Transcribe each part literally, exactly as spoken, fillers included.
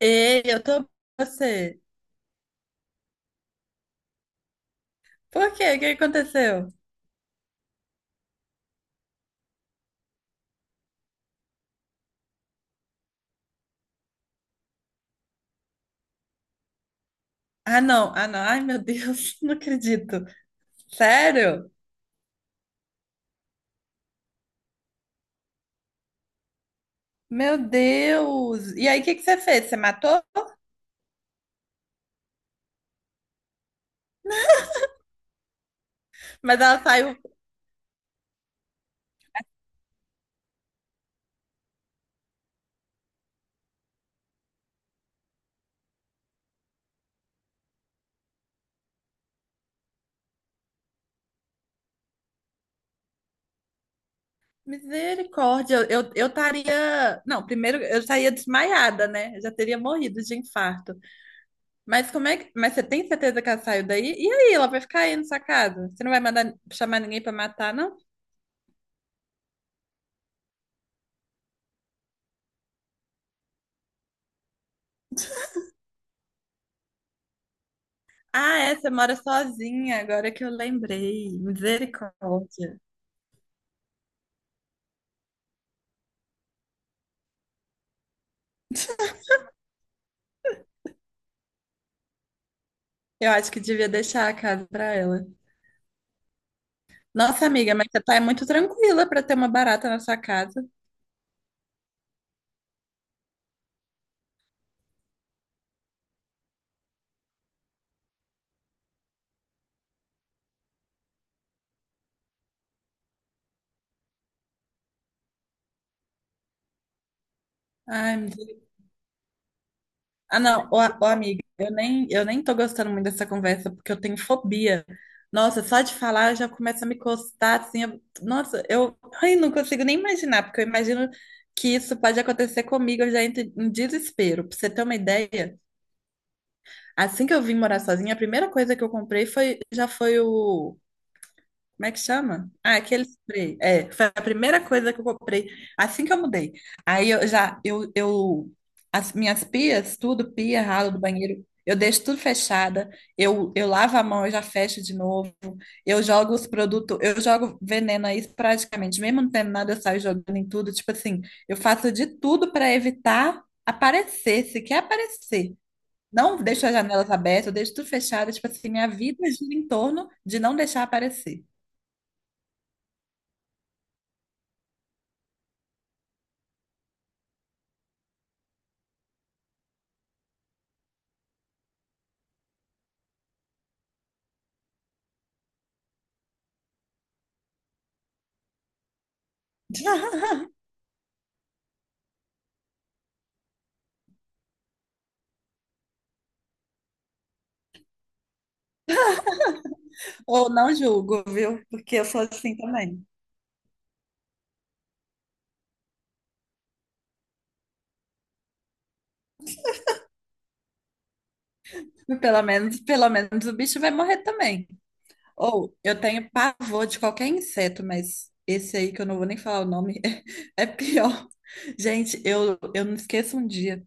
Ei, eu tô com você. Por quê? O que aconteceu? Ah, não. Ah, não. Ai, meu Deus, não acredito. Sério? Meu Deus. E aí, o que que você fez? Você matou? Mas ela saiu. Misericórdia, eu, eu eu estaria. Não, primeiro eu estaria desmaiada, né? Eu já teria morrido de infarto. Mas como é que. Mas você tem certeza que ela saiu daí? E aí, ela vai ficar aí na sua casa? Você não vai mandar chamar ninguém pra matar, não? Ah, é, você mora sozinha, agora que eu lembrei. Misericórdia. Eu acho que devia deixar a casa pra ela. Nossa, amiga, mas você tá muito tranquila pra ter uma barata na sua casa. Ai, meu Deus. Ah, não, ô, ô, amiga, eu nem, eu nem tô gostando muito dessa conversa, porque eu tenho fobia. Nossa, só de falar eu já começa a me encostar, assim. Eu- nossa, eu ai, não consigo nem imaginar, porque eu imagino que isso pode acontecer comigo, eu já entro em desespero. Pra você ter uma ideia, assim que eu vim morar sozinha, a primeira coisa que eu comprei foi, já foi o... Como é que chama? Ah, aquele spray. É, foi a primeira coisa que eu comprei assim que eu mudei. Aí eu já, eu, eu, as minhas pias, tudo, pia, ralo do banheiro, eu deixo tudo fechada, eu, eu lavo a mão, eu já fecho de novo, eu jogo os produtos, eu jogo veneno aí praticamente, mesmo não tendo nada, eu saio jogando em tudo, tipo assim, eu faço de tudo para evitar aparecer, se quer aparecer. Não deixo as janelas abertas, eu deixo tudo fechado, tipo assim, minha vida gira em torno de não deixar aparecer. Ou não julgo, viu? Porque eu sou assim também. Pelo menos, pelo menos o bicho vai morrer também. Ou eu tenho pavor de qualquer inseto, mas esse aí que eu não vou nem falar o nome é pior. Gente, eu, eu não esqueço um dia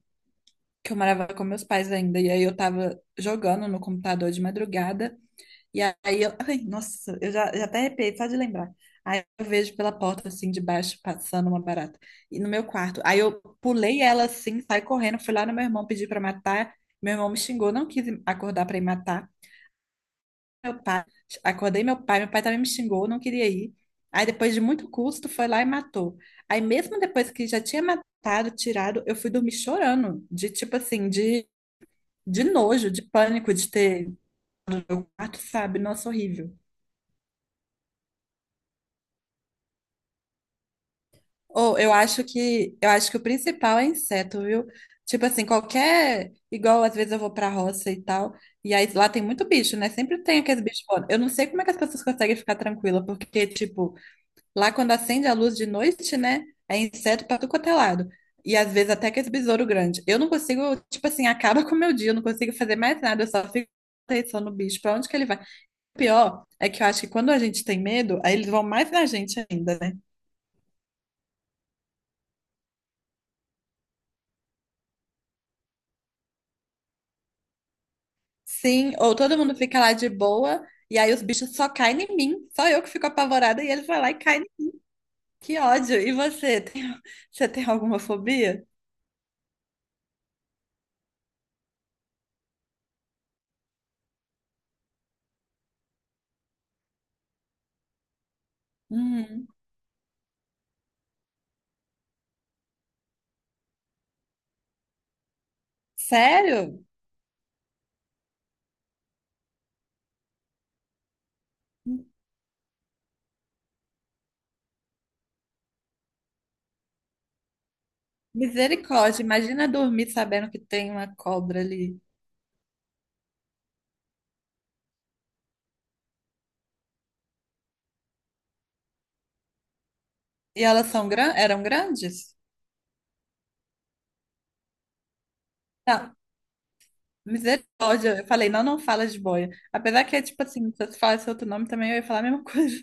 que eu morava com meus pais ainda, e aí eu tava jogando no computador de madrugada. E aí eu, ai, nossa, eu já, já até arrepiei só de lembrar. Aí eu vejo pela porta assim de baixo passando uma barata. E no meu quarto. Aí eu pulei ela assim, saí correndo, fui lá no meu irmão pedir pra matar. Meu irmão me xingou, não quis acordar pra ir matar. Meu pai, acordei meu pai, meu pai também me xingou, não queria ir. Aí depois de muito custo, foi lá e matou. Aí mesmo depois que já tinha matado, tirado, eu fui dormir chorando, de tipo assim, de, de nojo, de pânico de ter, mato, sabe? Nossa, horrível. Ou eu acho que eu acho que o principal é inseto, viu? Tipo assim, qualquer. Igual às vezes eu vou pra roça e tal. E aí lá tem muito bicho, né? Sempre tem aqueles bichos voando. Eu não sei como é que as pessoas conseguem ficar tranquila, porque, tipo, lá quando acende a luz de noite, né? É inseto pra tudo quanto é lado. E às vezes até aqueles besouro grande. Eu não consigo, tipo assim, acaba com o meu dia, eu não consigo fazer mais nada, eu só fico atenção no bicho, pra onde que ele vai. O pior é que eu acho que quando a gente tem medo, aí eles vão mais na gente ainda, né? Sim, ou todo mundo fica lá de boa, e aí os bichos só caem em mim. Só eu que fico apavorada e eles vão lá e caem em mim. Que ódio. E você, tem, você tem alguma fobia? Hum, sério? Misericórdia, imagina dormir sabendo que tem uma cobra ali. E elas são gran... eram grandes? Não, misericórdia. Eu falei, não, não fala de boia. Apesar que é tipo assim, se você falasse outro nome também, eu ia falar a mesma coisa.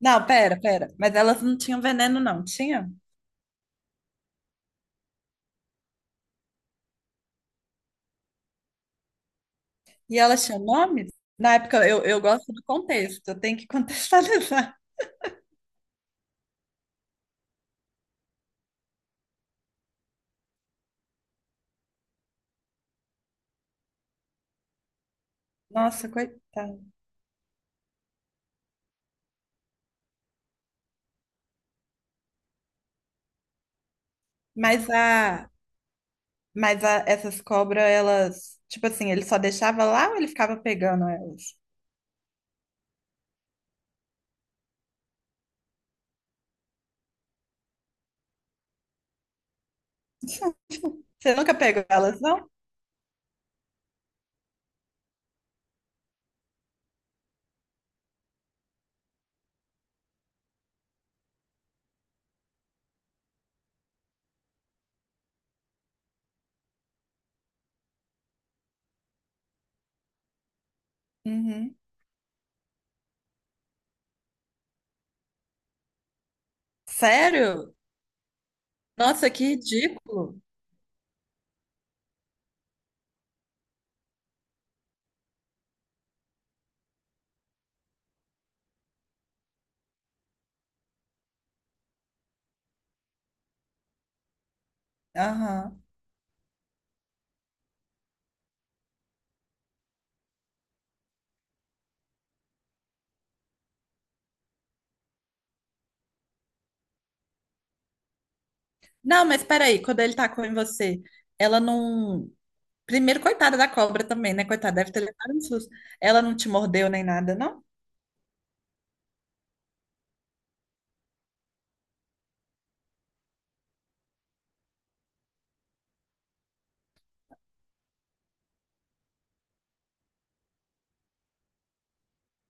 Não, pera, pera. Mas elas não tinham veneno, não, tinha? E ela tinha nome? Na época, eu, eu gosto do contexto, eu tenho que contextualizar. Nossa, coitada. Mas a, mas a, essas cobras, elas, tipo assim, ele só deixava lá ou ele ficava pegando elas? Você nunca pegou elas, não? Uhum. Sério? Nossa, que ridículo. Aham. Não, mas peraí, quando ele tacou em você, ela não. Primeiro, coitada da cobra também, né? Coitada, deve ter levado um susto. Ela não te mordeu nem nada, não?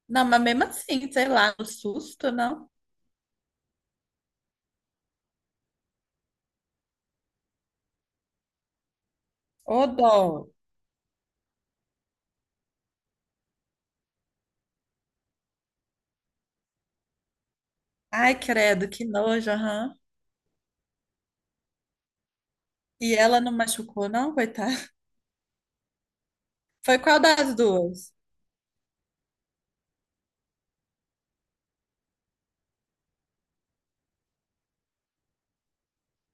Não, mas mesmo assim, sei lá, o susto, não? Ô, dó. Ai, credo, que nojo, aham. E ela não machucou, não, coitada? Foi qual das duas?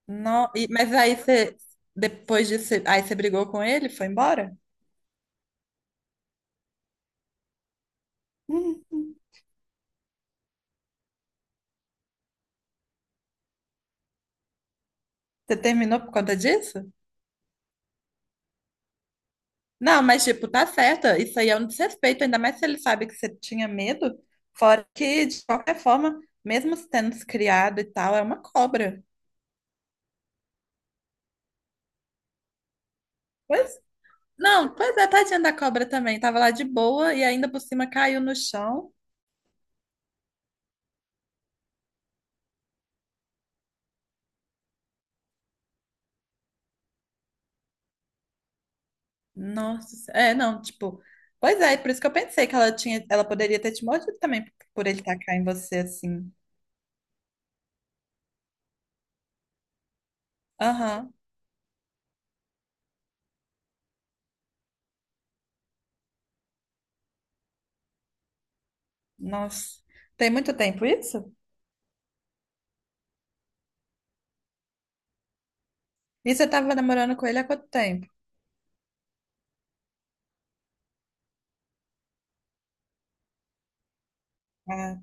Não, e- mas aí você, depois disso, cê- aí você brigou com ele, foi embora? Hum, hum. Você terminou por conta disso? Não, mas tipo, tá certa. Isso aí é um desrespeito, ainda mais se ele sabe que você tinha medo. Fora que, de qualquer forma, mesmo tendo se criado e tal, é uma cobra. Pois, não, pois é, tadinha da cobra também. Tava lá de boa e ainda por cima caiu no chão. Nossa, se- é, não, tipo, pois é, por isso que eu pensei que ela tinha, ela poderia ter te mordido também por ele tacar em você assim. Aham, nossa. Tem muito tempo isso? E você tava namorando com ele há quanto tempo? Ah,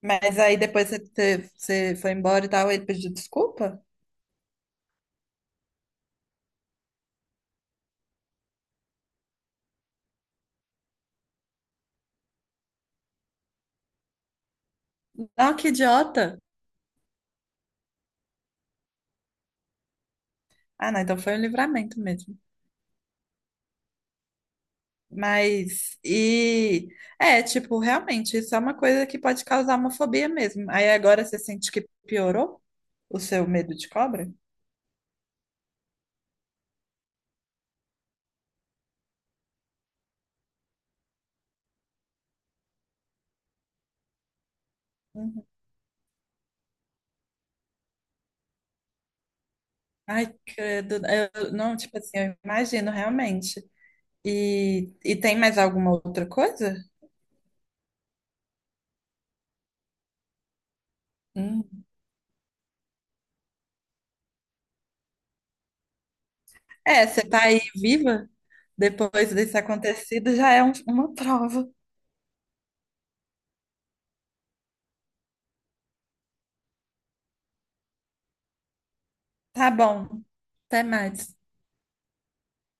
mas aí depois você, você você foi embora e tal, ele pediu desculpa? Não, que idiota! Ah, não, então foi um livramento mesmo. Mas, e é, tipo, realmente, isso é uma coisa que pode causar uma fobia mesmo. Aí agora você sente que piorou o seu medo de cobra? Uhum. Ai, credo, eu, não, tipo assim, eu imagino realmente. E, e tem mais alguma outra coisa? Hum. É, você tá aí viva depois desse acontecido já é um- uma prova. Tá bom. Até mais.